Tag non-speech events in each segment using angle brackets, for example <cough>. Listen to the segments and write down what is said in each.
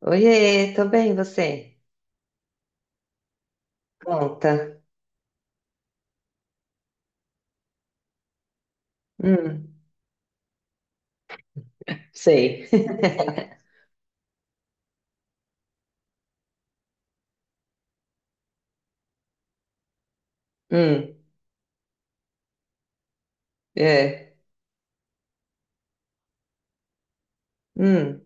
Oiê, tô bem, você? Conta. Hum, sei. <laughs> Hum, é. Hum,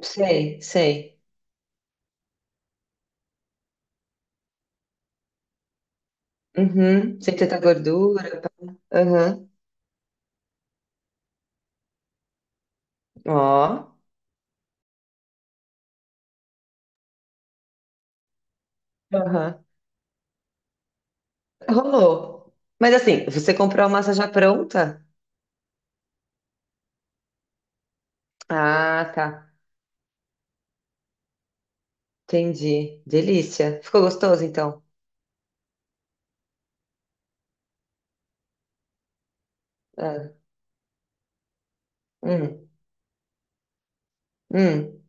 sei, sei. Uhum, sem tanta gordura. Pá. Aham, ó. Aham. Rolou. Mas assim, você comprou a massa já pronta? Ah, tá. Entendi. Delícia. Ficou gostoso, então? Ah, hum, hum,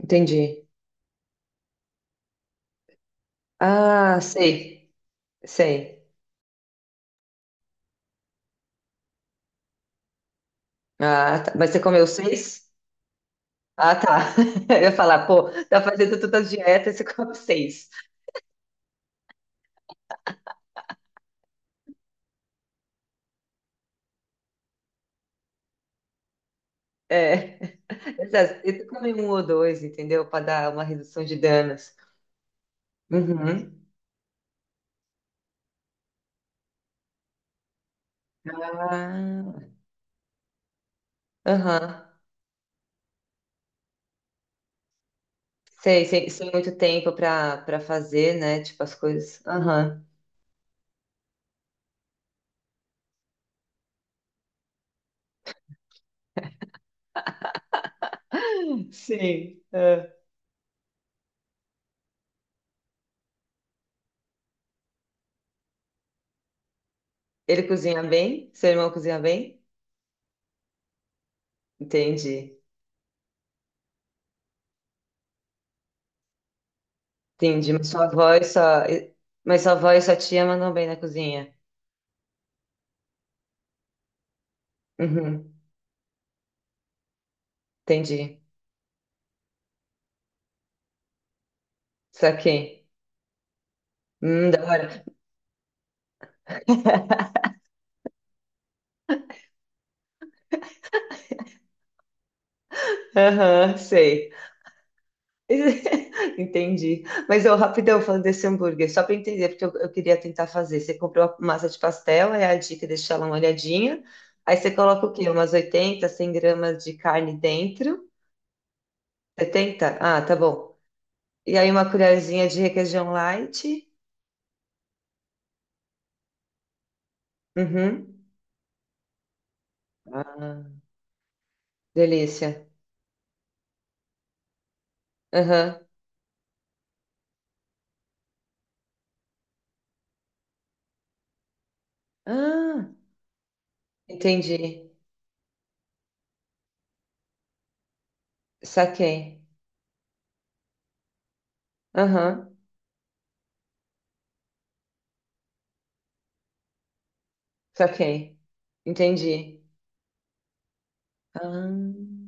entendi. Ah, sei, sei. Ah, tá. Mas você comeu seis? Ah, tá. <laughs> Eu ia falar, pô, tá fazendo tantas dietas, você come seis. É, exato. E tu come um ou dois, entendeu? Para dar uma redução de danos. Uhum. Ah, aham. Sei, sem muito tempo para fazer, né? Tipo as coisas. Aham. Sim, é. Ele cozinha bem? Seu irmão cozinha bem? Entendi. Entendi. Mas sua avó e sua tia mandam bem na cozinha. Uhum. Entendi. Saquei. Da hora. Aham, sei. <laughs> Entendi. Mas eu rapidão falando desse hambúrguer, só para entender, porque eu queria tentar fazer. Você comprou a massa de pastel, é a dica, deixa ela molhadinha. Aí você coloca o quê? Umas 80, 100 gramas de carne dentro. 70? Ah, tá bom. E aí uma colherzinha de requeijão light. Uhum. Ah, delícia. Aham. Ah, entendi. Saquei. Aham, saquei. Entendi. Ah.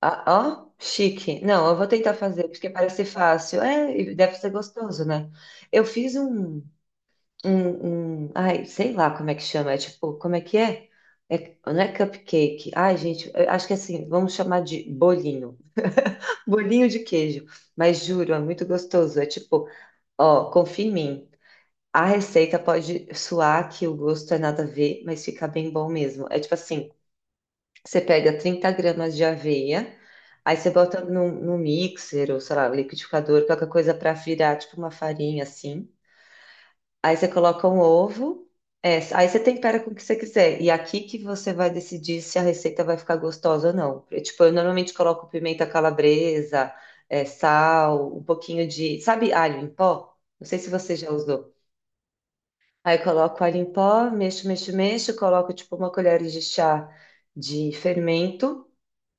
Ah, ó, chique. Não, eu vou tentar fazer, porque parece fácil. É, e deve ser gostoso, né? Eu fiz um, um, um- Ai, sei lá como é que chama. É tipo, como é que é? Não é cupcake. Ai, gente, eu acho que é assim, vamos chamar de bolinho. <laughs> Bolinho de queijo. Mas juro, é muito gostoso. É tipo, ó, confia em mim. A receita pode suar que o gosto é nada a ver, mas fica bem bom mesmo. É tipo assim. Você pega 30 gramas de aveia, aí você bota no mixer ou, sei lá, liquidificador, qualquer coisa para virar tipo uma farinha assim. Aí você coloca um ovo, é, aí você tempera com o que você quiser. E aqui que você vai decidir se a receita vai ficar gostosa ou não. Eu, tipo, eu normalmente coloco pimenta calabresa, é, sal, um pouquinho de, sabe, alho em pó? Não sei se você já usou. Aí eu coloco alho em pó, mexo, mexo, mexo, coloco tipo uma colher de chá de fermento.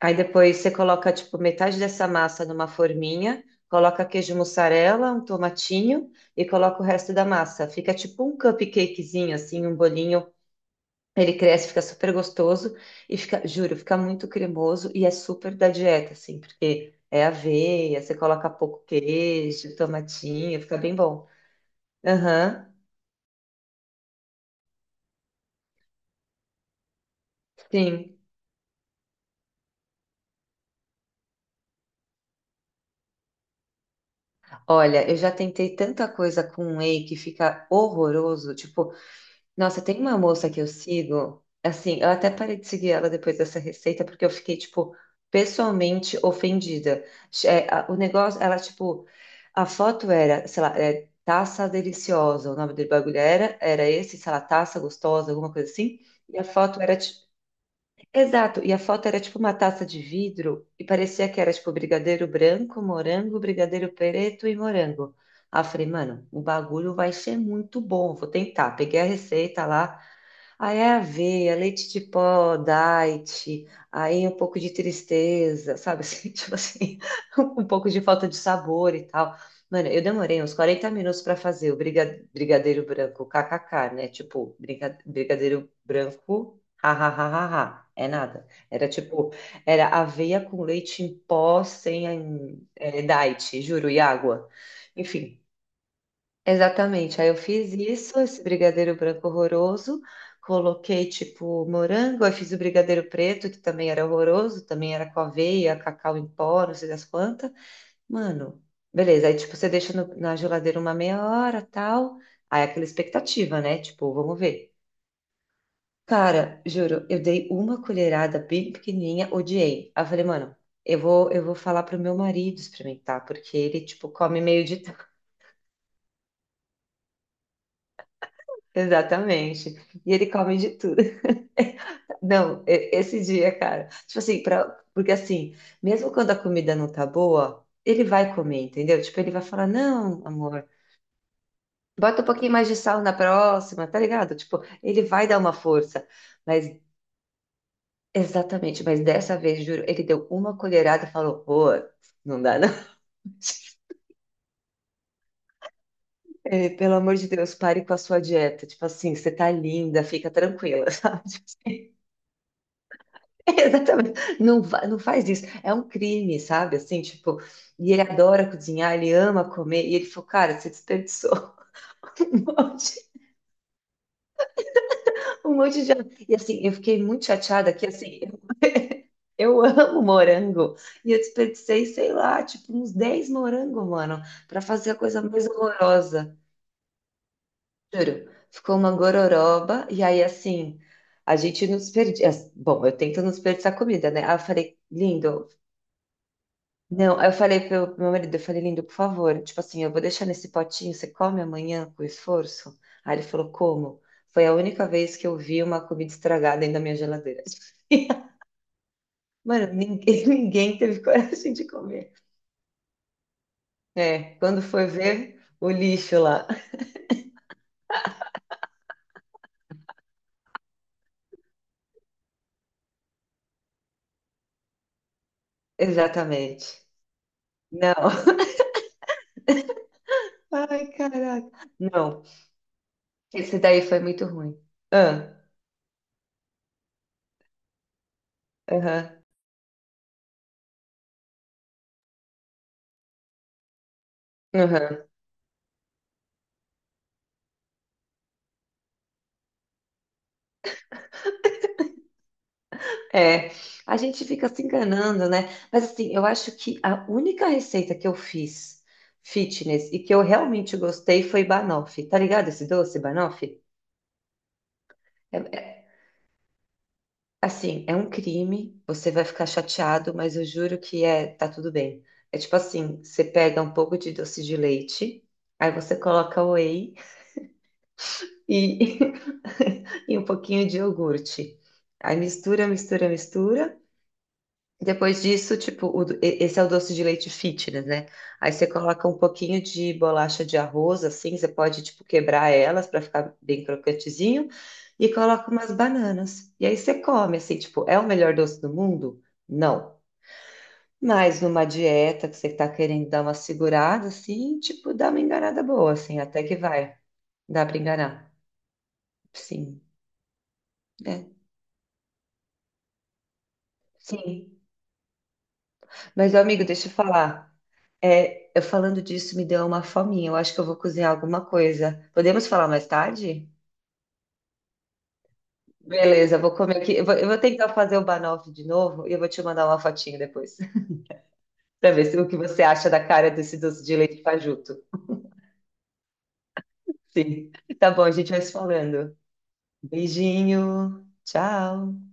Aí depois você coloca, tipo, metade dessa massa numa forminha, coloca queijo mussarela, um tomatinho e coloca o resto da massa. Fica tipo um cupcakezinho, assim, um bolinho. Ele cresce, fica super gostoso e fica, juro, fica muito cremoso e é super da dieta, assim, porque é aveia, você coloca pouco queijo, tomatinho, fica bem bom. Aham, sim. Olha, eu já tentei tanta coisa com whey que fica horroroso, tipo. Nossa, tem uma moça que eu sigo, assim, eu até parei de seguir ela depois dessa receita, porque eu fiquei, tipo, pessoalmente ofendida. É, o negócio, ela, tipo, a foto era, sei lá, é, taça deliciosa, o nome do bagulho era esse, sei lá, taça gostosa, alguma coisa assim, e a foto era, tipo, exato, e a foto era, tipo, uma taça de vidro, e parecia que era, tipo, brigadeiro branco, morango, brigadeiro preto e morango. Aí eu falei, mano, o bagulho vai ser muito bom, vou tentar. Peguei a receita lá, aí é aveia, leite de pó, diet, aí um pouco de tristeza, sabe? Assim, <laughs> tipo assim, um pouco de falta de sabor e tal. Mano, eu demorei uns 40 minutos para fazer o brigadeiro branco, kkk, né? Tipo, brigadeiro branco, hahaha, é nada. Era tipo, era aveia com leite em pó sem diet, juro, e água. Enfim. Exatamente. Aí eu fiz isso, esse brigadeiro branco horroroso, coloquei tipo morango, aí fiz o brigadeiro preto, que também era horroroso, também era com aveia, cacau em pó, não sei das quantas. Mano, beleza. Aí tipo, você deixa na geladeira uma meia hora, tal. Aí é aquela expectativa, né? Tipo, vamos ver. Cara, juro, eu dei uma colherada bem pequenininha, odiei. Aí eu falei, mano, eu vou falar pro meu marido experimentar, porque ele, tipo, come meio de tudo. <laughs> Exatamente. E ele come de tudo. Não, esse dia, cara. Tipo assim, pra, porque assim, mesmo quando a comida não tá boa, ele vai comer, entendeu? Tipo, ele vai falar, não, amor, bota um pouquinho mais de sal na próxima, tá ligado? Tipo, ele vai dar uma força. Mas, exatamente, mas dessa vez, juro, ele deu uma colherada e falou, pô, não dá não. <laughs> Eh, pelo amor de Deus, pare com a sua dieta. Tipo assim, você tá linda, fica tranquila, <laughs> sabe? <laughs> Exatamente. Não, não faz isso. É um crime, sabe? Assim, tipo, e ele adora cozinhar, ele ama comer. E ele falou, cara, você desperdiçou <laughs> um monte, um monte de. E assim, eu fiquei muito chateada que assim, eu amo morango. E eu desperdicei, sei lá, tipo, uns 10 morangos, mano, pra fazer a coisa mais horrorosa. Juro. Ficou uma gororoba. E aí, assim, a gente não desperdiça. Bom, eu tento não desperdiçar comida, né? Aí eu falei, lindo, não. Aí eu falei pro meu marido, eu falei, lindo, por favor, tipo assim, eu vou deixar nesse potinho, você come amanhã com esforço? Aí ele falou, como? Foi a única vez que eu vi uma comida estragada dentro da minha geladeira. <laughs> Mano, ninguém, ninguém teve coragem de comer. É, quando foi ver o lixo lá. Exatamente. Não. <laughs> Ai, caraca. Não, esse daí foi muito ruim. Ah, aham, aham. É, a gente fica se enganando, né? Mas assim, eu acho que a única receita que eu fiz fitness e que eu realmente gostei foi banoffee. Tá ligado esse doce, banoffee? É, é- assim, é um crime, você vai ficar chateado, mas eu juro que é, tá tudo bem. É tipo assim, você pega um pouco de doce de leite, aí você coloca whey e, <laughs> e um pouquinho de iogurte. Aí mistura, mistura, mistura. Depois disso, tipo, esse é o doce de leite fitness, né? Aí você coloca um pouquinho de bolacha de arroz, assim, você pode, tipo, quebrar elas para ficar bem crocantezinho e coloca umas bananas. E aí você come, assim, tipo, é o melhor doce do mundo? Não. Mas numa dieta que você tá querendo dar uma segurada, assim, tipo, dá uma enganada boa, assim, até que vai. Dá para enganar. Sim, é. Sim. Mas, amigo, deixa eu falar. É, eu falando disso me deu uma fominha. Eu acho que eu vou cozinhar alguma coisa. Podemos falar mais tarde? Beleza, eu vou comer aqui. Eu vou tentar fazer o banoffee de novo e eu vou te mandar uma fotinho depois, <laughs> para ver se, o que você acha da cara desse doce de leite fajuto. Sim. Tá bom, a gente vai se falando. Beijinho. Tchau.